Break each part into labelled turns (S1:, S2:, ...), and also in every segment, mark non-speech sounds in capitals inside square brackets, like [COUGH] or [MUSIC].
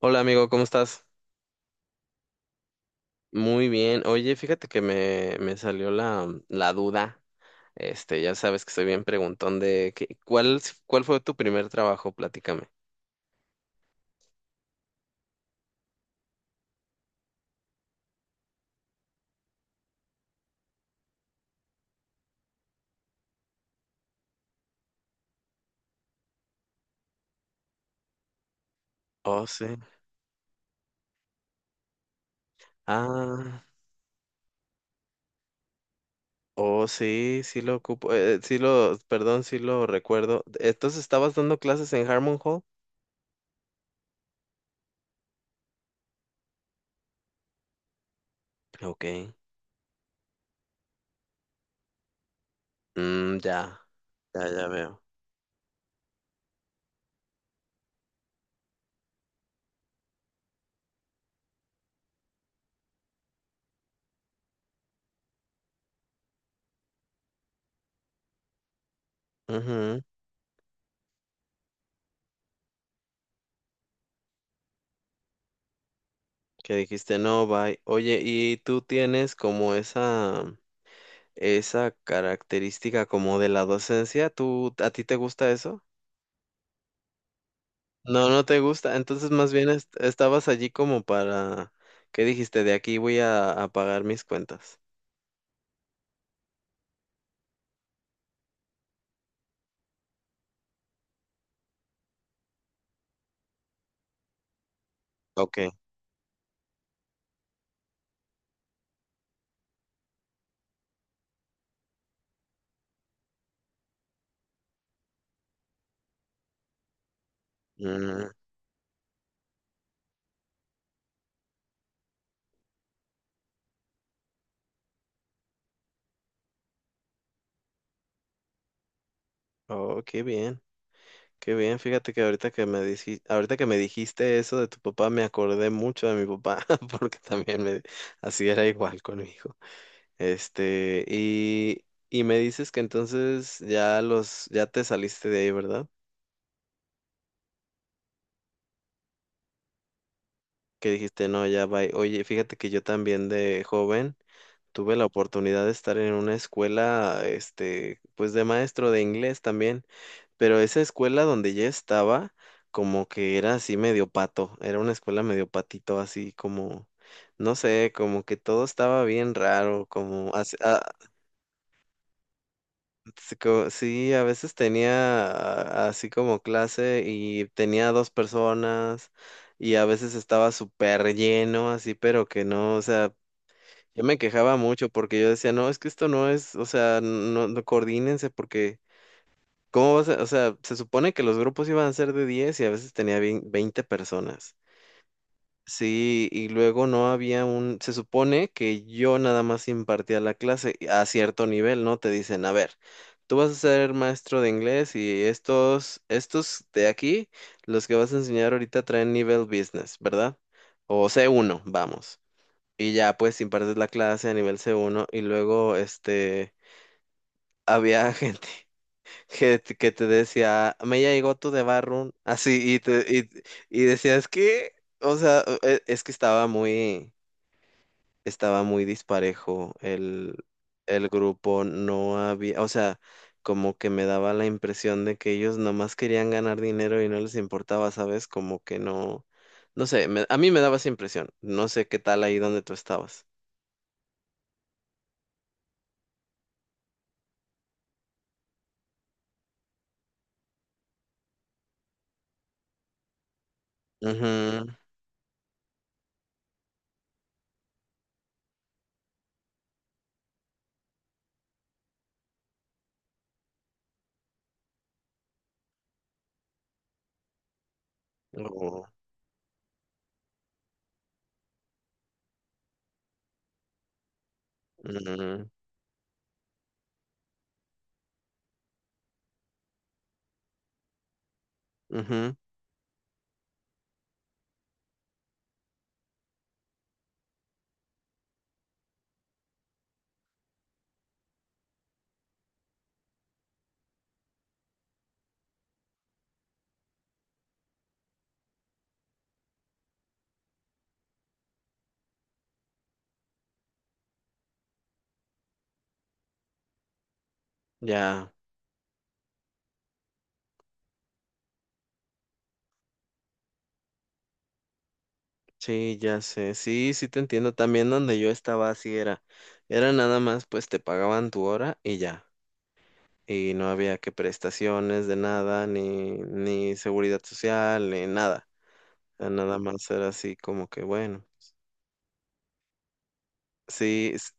S1: Hola amigo, ¿cómo estás? Muy bien. Oye, fíjate que me salió la duda. Ya sabes que soy bien preguntón de ¿cuál fue tu primer trabajo? Platícame. Oh, sí. Ah, oh, sí, sí lo ocupo. Perdón, sí lo recuerdo. Entonces, ¿estabas dando clases en Harmon Hall? Ok. Mm, ya, ya veo. Ujú. Que dijiste no, bye. Oye, ¿y tú tienes como esa esa característica como de la docencia? ¿Tú, a ti te gusta eso? No, no te gusta. Entonces, más bien estabas allí como para, ¿qué dijiste? De aquí voy a pagar mis cuentas. Ok. Mm. Oh, qué bien, qué bien. Fíjate que ahorita que me dijiste, ahorita que me dijiste eso de tu papá, me acordé mucho de mi papá, [LAUGHS] porque también así era igual conmigo. Y me dices que entonces ya ya te saliste de ahí, ¿verdad? Que dijiste, no, ya va. Oye, fíjate que yo también de joven tuve la oportunidad de estar en una escuela, pues de maestro de inglés también, pero esa escuela donde yo estaba, como que era así medio pato, era una escuela medio patito, así como, no sé, como que todo estaba bien raro, sí, sí, a veces tenía así como clase y tenía dos personas y a veces estaba súper lleno, así, pero que no, o sea, yo me quejaba mucho porque yo decía, no, es que esto no es, o sea, no coordínense porque, ¿cómo vas a, o sea, se supone que los grupos iban a ser de 10 y a veces tenía 20 personas. Sí, y luego no había se supone que yo nada más impartía la clase a cierto nivel, ¿no? Te dicen, a ver, tú vas a ser maestro de inglés y estos de aquí, los que vas a enseñar ahorita traen nivel business, ¿verdad? O C1, vamos. Y ya pues impartes la clase a nivel c uno y luego había gente [LAUGHS] que te decía, me llegó tu de Barroom, así y te decías que, o sea, e- es que estaba muy disparejo el grupo, no había, o sea, como que me daba la impresión de que ellos nomás querían ganar dinero y no les importaba, ¿sabes? Como que no no sé, a mí me daba esa impresión. No sé qué tal ahí donde tú estabas. Ujú. Mm, ujú, ya, sí, ya sé, sí, sí te entiendo, también donde yo estaba así era, era nada más pues te pagaban tu hora y ya, y no había que prestaciones de nada, ni seguridad social, ni nada, o sea, nada más era así como que bueno, sí,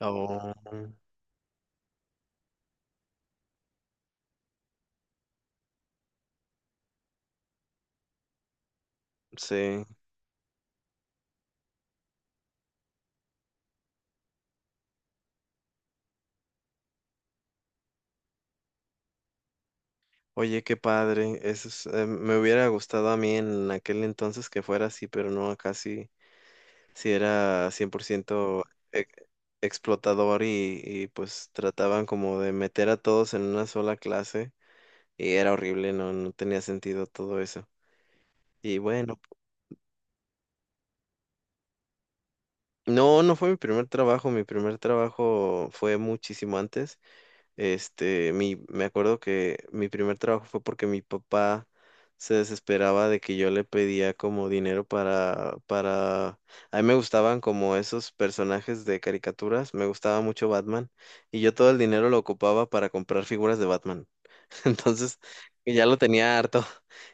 S1: oh, sí, oye, qué padre, eso es, me hubiera gustado a mí en aquel entonces que fuera así, pero no, casi si era 100% e- explotador y pues trataban como de meter a todos en una sola clase y era horrible, no, no tenía sentido todo eso. Y bueno, no, no fue mi primer trabajo fue muchísimo antes. Me acuerdo que mi primer trabajo fue porque mi papá se desesperaba de que yo le pedía como dinero para a mí me gustaban como esos personajes de caricaturas, me gustaba mucho Batman y yo todo el dinero lo ocupaba para comprar figuras de Batman. [LAUGHS] Entonces, y ya lo tenía harto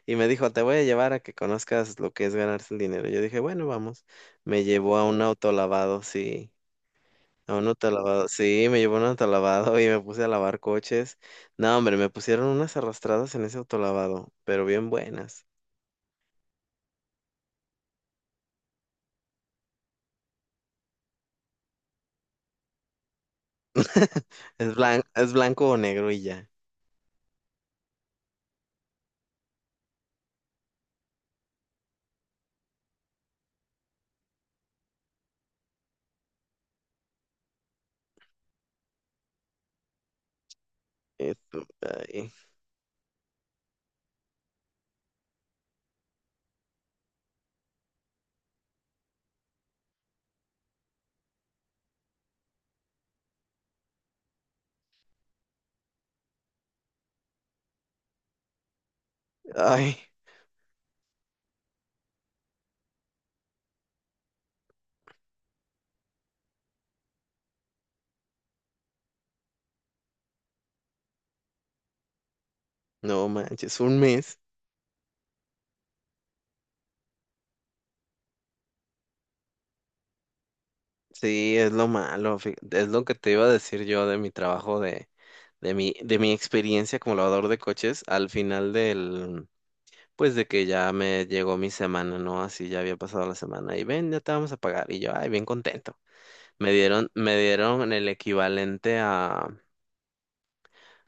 S1: y me dijo, te voy a llevar a que conozcas lo que es ganarse el dinero. Yo dije, bueno, vamos. Me llevó a un autolavado, sí. A un autolavado. Sí, me llevó a un autolavado y me puse a lavar coches. No, hombre, me pusieron unas arrastradas en ese autolavado, pero bien buenas. [LAUGHS] Es blanco o negro y ya. Es- ay, ay, no manches, un mes. Sí, es lo malo. Es lo que te iba a decir yo de mi trabajo, de de mi experiencia como lavador de coches al final pues de que ya me llegó mi semana, ¿no? Así ya había pasado la semana y ven, ya te vamos a pagar. Y yo, ay, bien contento. Me dieron el equivalente a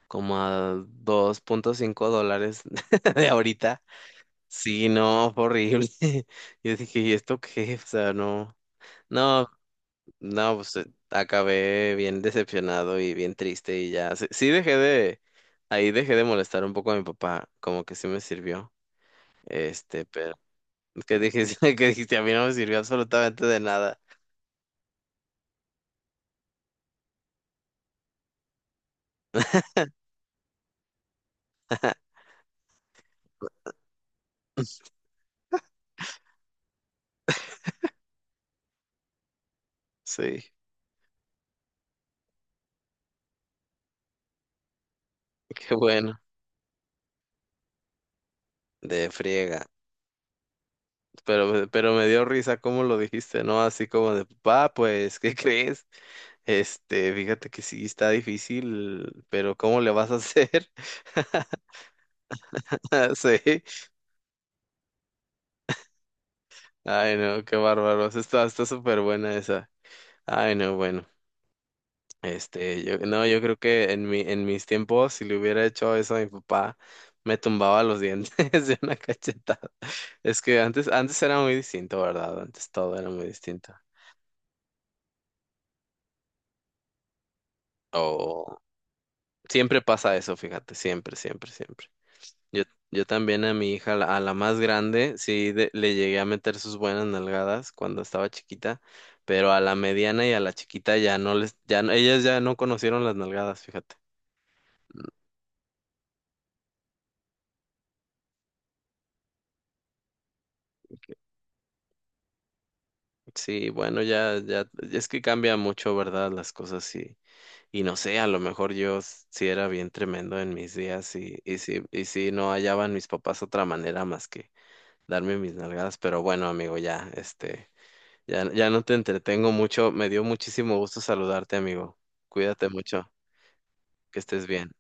S1: como a dos punto cinco dólares [LAUGHS] de ahorita. Sí, no, fue horrible. [LAUGHS] Yo dije, ¿y esto qué? O sea, no, no, no, acabé bien decepcionado y bien triste y ya. Sí, ahí dejé de molestar un poco a mi papá, como que sí me sirvió. Pero que dije, [LAUGHS] que dijiste, a mí no me sirvió absolutamente de nada. Sí, qué bueno, de friega. Pero me dio risa cómo lo dijiste, ¿no? Así como de, papá, pues, ¿qué [LAUGHS] crees? Fíjate que sí está difícil, pero ¿cómo le vas a hacer? [LAUGHS] Sí. Ay, no, qué bárbaro. Sí, está, está súper buena esa. Ay, no, bueno. Este, yo, no, yo creo que en en mis tiempos, si le hubiera hecho eso a mi papá, me tumbaba los dientes [LAUGHS] de una cachetada. Es que antes, antes era muy distinto, ¿verdad? Antes todo era muy distinto. Siempre pasa eso, fíjate, siempre, siempre, siempre. Yo, yo también a mi hija, a la más grande, le llegué a meter sus buenas nalgadas cuando estaba chiquita, pero a la mediana y a la chiquita ya no ellas ya no conocieron las nalgadas, fíjate. Sí, bueno, ya, es que cambia mucho, ¿verdad? Las cosas y no sé, a lo mejor yo sí era bien tremendo en mis días y, y sí no hallaban mis papás otra manera más que darme mis nalgadas, pero bueno, amigo, ya, este. Ya, ya no te entretengo mucho. Me dio muchísimo gusto saludarte, amigo. Cuídate mucho. Que estés bien.